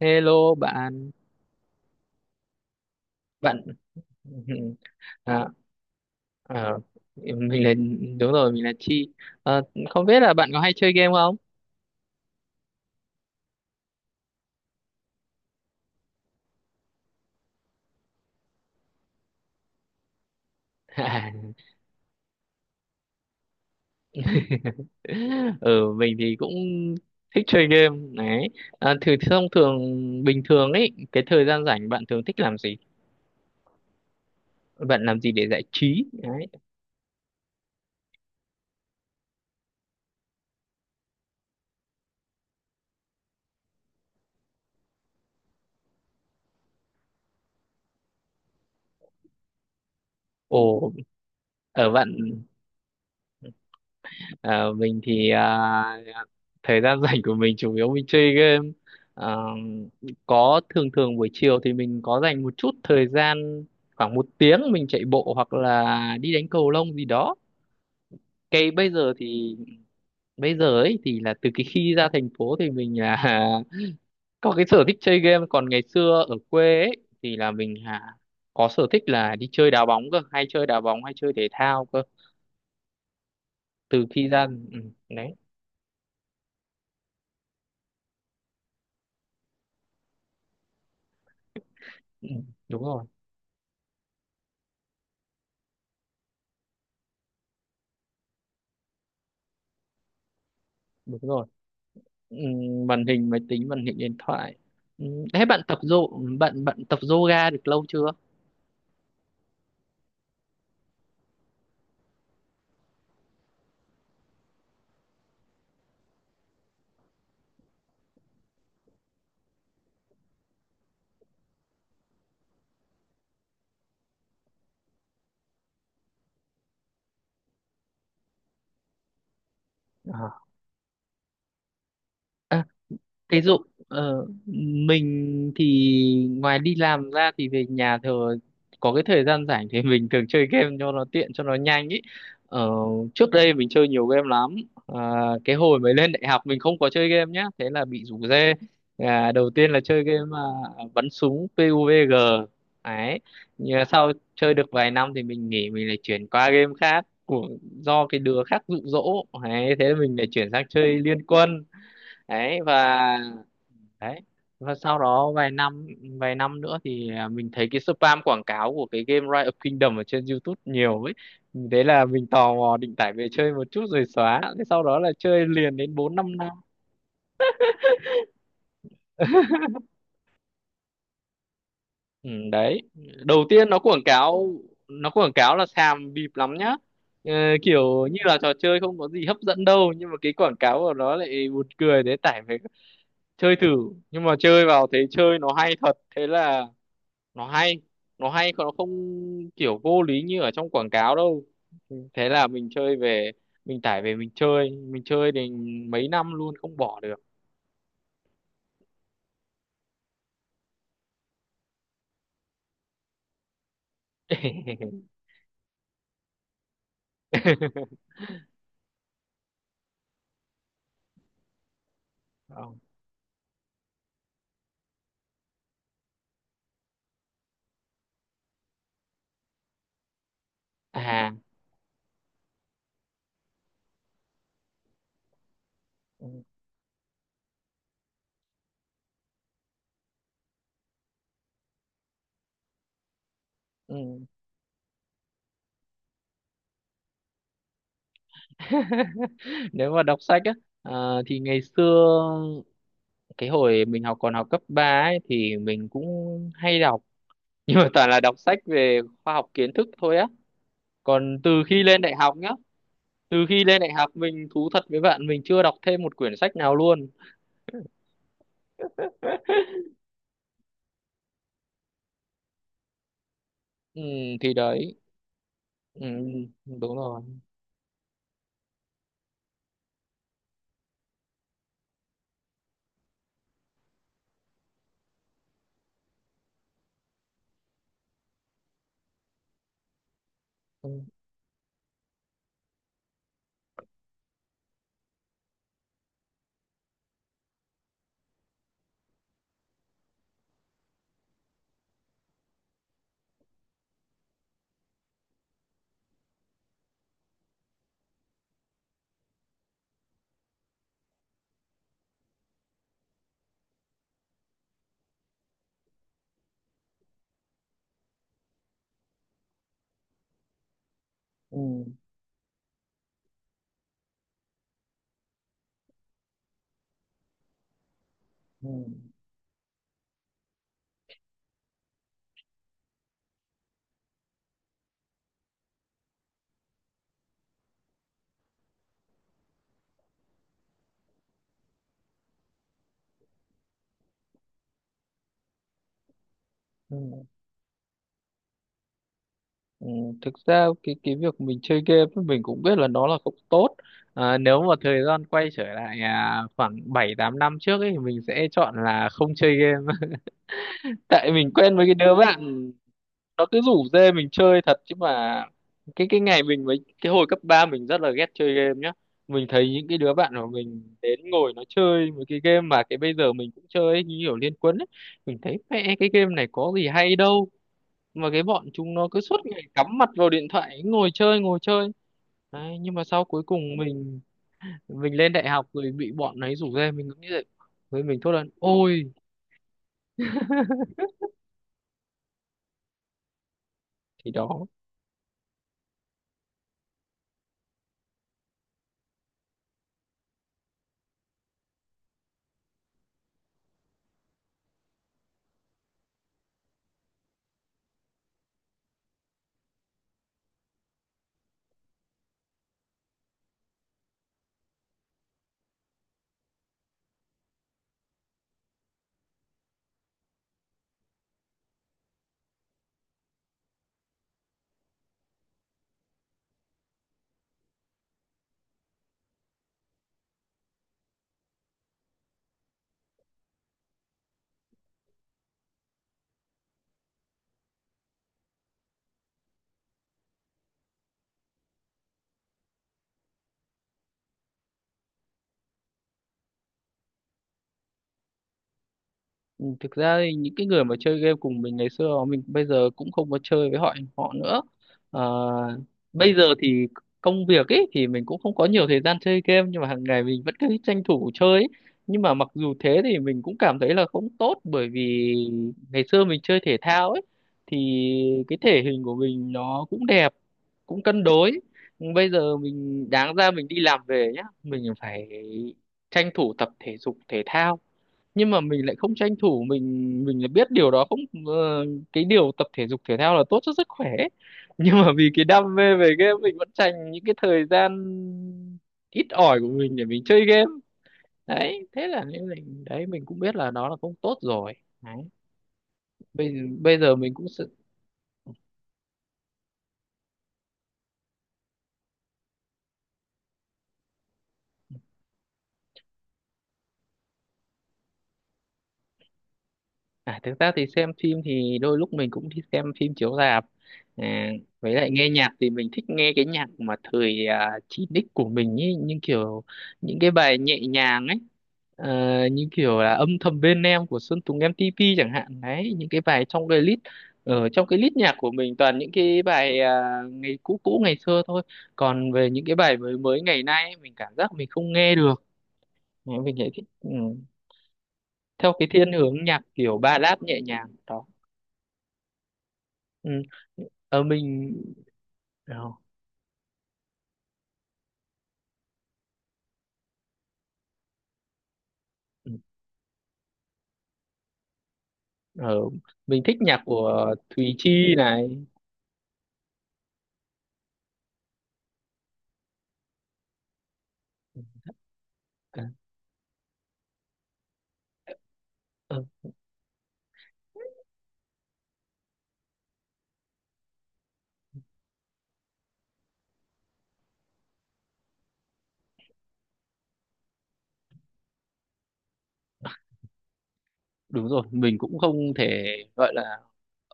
Hello bạn bạn à, à, mình là, đúng rồi mình là Chi. Ờ, Không biết là bạn có hay chơi game không? Ừ, mình thì cũng thích chơi game đấy. Thì thông thường bình thường ấy, cái thời gian rảnh bạn thường thích làm gì, bạn làm gì để giải trí đấy? Ồ, ở bạn. Ờ, mình thì thời gian rảnh của mình chủ yếu mình chơi game. Ờ, thường thường buổi chiều thì mình có dành một chút thời gian, khoảng một tiếng mình chạy bộ hoặc là đi đánh cầu lông gì đó. Cái bây giờ thì Bây giờ ấy thì là từ cái khi ra thành phố thì mình là có cái sở thích chơi game, còn ngày xưa ở quê ấy thì là mình có sở thích là đi chơi đá bóng cơ, hay chơi đá bóng hay chơi thể thao cơ. Từ khi ra, đấy. ừ, Đúng rồi, đúng rồi. Màn hình máy tính, màn hình điện thoại. Thế bạn bạn tập yoga được lâu chưa? À. Thế Dũng, ờ, mình thì ngoài đi làm ra thì về nhà thường có cái thời gian rảnh thì mình thường chơi game cho nó tiện cho nó nhanh ý. Ờ, Trước đây mình chơi nhiều game lắm. À, cái hồi mới lên đại học mình không có chơi game nhá, thế là bị rủ rê. À, đầu tiên là chơi game bắn súng PUBG. Đấy. Nhưng mà sau chơi được vài năm thì mình nghỉ, mình lại chuyển qua game khác của do cái đứa khác dụ dỗ. Đấy, thế là mình lại chuyển sang chơi Liên Quân. Đấy, và đấy và sau đó vài năm, vài năm nữa thì mình thấy cái spam quảng cáo của cái game Rise of Kingdom ở trên YouTube nhiều ấy, thế là mình tò mò định tải về chơi một chút rồi xóa, thế sau đó là chơi liền đến bốn năm năm. Ừ, Đấy, đầu tiên nó quảng cáo là xàm bịp lắm nhá. Ờ, Kiểu như là trò chơi không có gì hấp dẫn đâu nhưng mà cái quảng cáo của nó lại buồn cười, thế tải về chơi thử. Nhưng mà chơi vào thấy chơi nó hay thật, thế là nó hay, nó hay còn nó không kiểu vô lý như ở trong quảng cáo đâu. Thế là mình tải về mình chơi, mình chơi thì mấy năm luôn không bỏ được. Không. À, ừ. ừ. Nếu mà đọc sách á, thì ngày xưa cái hồi mình học còn học cấp 3 ấy thì mình cũng hay đọc, nhưng mà toàn là đọc sách về khoa học kiến thức thôi á. Còn từ khi lên đại học mình thú thật với bạn mình chưa đọc thêm một quyển sách nào luôn. ừ, thì đấy. ừ, Đúng rồi. ừ, ừ, ừ, ừ. ừ. Thực ra cái việc mình chơi game ấy, mình cũng biết là nó là không tốt. Nếu mà thời gian quay trở lại, khoảng bảy tám năm trước ấy thì mình sẽ chọn là không chơi game. Tại mình quen với cái đứa bạn, nó cứ rủ dê mình chơi thật chứ mà. Cái hồi cấp 3 mình rất là ghét chơi game nhá, mình thấy những cái đứa bạn của mình đến ngồi nó chơi một cái game mà cái bây giờ mình cũng chơi ấy, như kiểu Liên Quân ấy. Mình thấy mẹ cái game này có gì hay đâu mà cái bọn chúng nó cứ suốt ngày cắm mặt vào điện thoại ngồi chơi ngồi chơi. Đấy, nhưng mà sau cuối cùng mình lên đại học rồi bị bọn ấy rủ dê mình cũng nghĩ vậy, với mình thốt lên ôi. Thì đó, thực ra thì những cái người mà chơi game cùng mình ngày xưa mình bây giờ cũng không có chơi với họ họ nữa. Ờ, Bây giờ thì công việc ấy thì mình cũng không có nhiều thời gian chơi game, nhưng mà hàng ngày mình vẫn cứ tranh thủ chơi ấy. Nhưng mà mặc dù thế thì mình cũng cảm thấy là không tốt, bởi vì ngày xưa mình chơi thể thao ấy thì cái thể hình của mình nó cũng đẹp, cũng cân đối. Nhưng bây giờ mình đáng ra mình đi làm về nhá mình phải tranh thủ tập thể dục thể thao, nhưng mà mình lại không tranh thủ, mình lại biết điều đó không, ờ, cái điều tập thể dục thể thao là tốt cho sức khỏe. Nhưng mà vì cái đam mê về game mình vẫn dành những cái thời gian ít ỏi của mình để mình chơi game. Đấy, thế là nên mình cũng biết là nó là không tốt rồi. Đấy, bây, bây giờ mình cũng sẽ. À, thực ra thì xem phim thì đôi lúc mình cũng đi xem phim chiếu rạp. à, với lại nghe nhạc thì mình thích nghe cái nhạc mà thời 9x của mình ý, nhưng kiểu những cái bài nhẹ nhàng ấy. Ờ, Như kiểu là âm thầm bên em của Sơn Tùng MTP chẳng hạn, đấy những cái bài trong cái list ở trong cái list nhạc của mình toàn những cái bài, ngày cũ cũ ngày xưa thôi. Còn về những cái bài mới mới ngày nay ấy, mình cảm giác mình không nghe được. Đấy, mình lại thích, theo cái thiên hướng nhạc kiểu ballad nhẹ nhàng đó. Ừ. ở mình ở mình thích nhạc của Thùy Chi này. À, ờ, đúng rồi, mình cũng không thể gọi là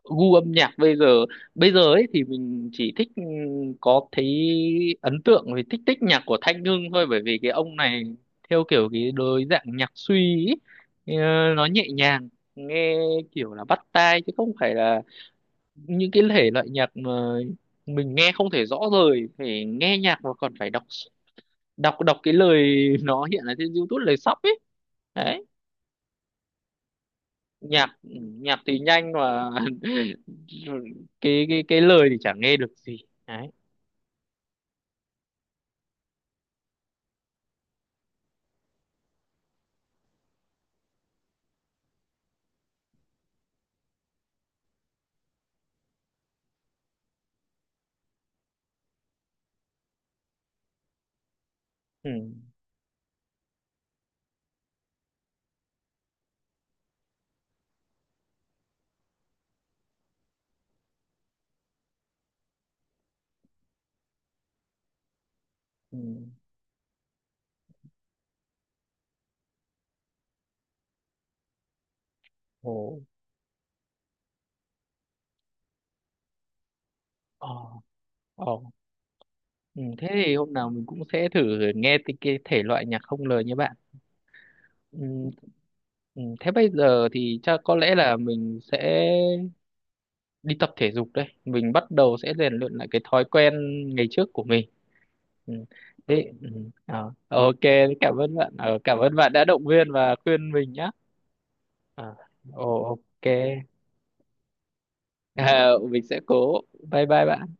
gu âm nhạc bây giờ. Bây giờ ấy thì mình chỉ thích, ừ, có thấy ấn tượng về thích thích nhạc của Thanh Hưng thôi, bởi vì cái ông này theo kiểu cái đối dạng nhạc suy ấy. Ờ, nó nhẹ nhàng, nghe kiểu là bắt tai chứ không phải là những cái thể loại nhạc mà mình nghe không thể rõ rời, phải nghe nhạc mà còn phải đọc đọc đọc cái lời, nó hiện ở trên YouTube lời sub ấy. Đấy, nhạc, nhạc thì nhanh mà, cái lời thì chả nghe được gì. Đấy. Ừ, ừ. Ồ, ồ, ồ. Ừ. Thế thì hôm nào mình cũng sẽ thử nghe cái thể loại nhạc không lời như bạn. ừ. Ừ. Thế bây giờ thì chắc có lẽ là mình sẽ đi tập thể dục đây, mình bắt đầu sẽ rèn luyện lại cái thói quen ngày trước của mình. Ừ. Thế, ừ. à, ok, cảm ơn bạn. Ờ, Cảm ơn bạn đã động viên và khuyên mình nhé. Ờ, Ồ, ok. Ờ, mình sẽ cố. Bye bye bạn.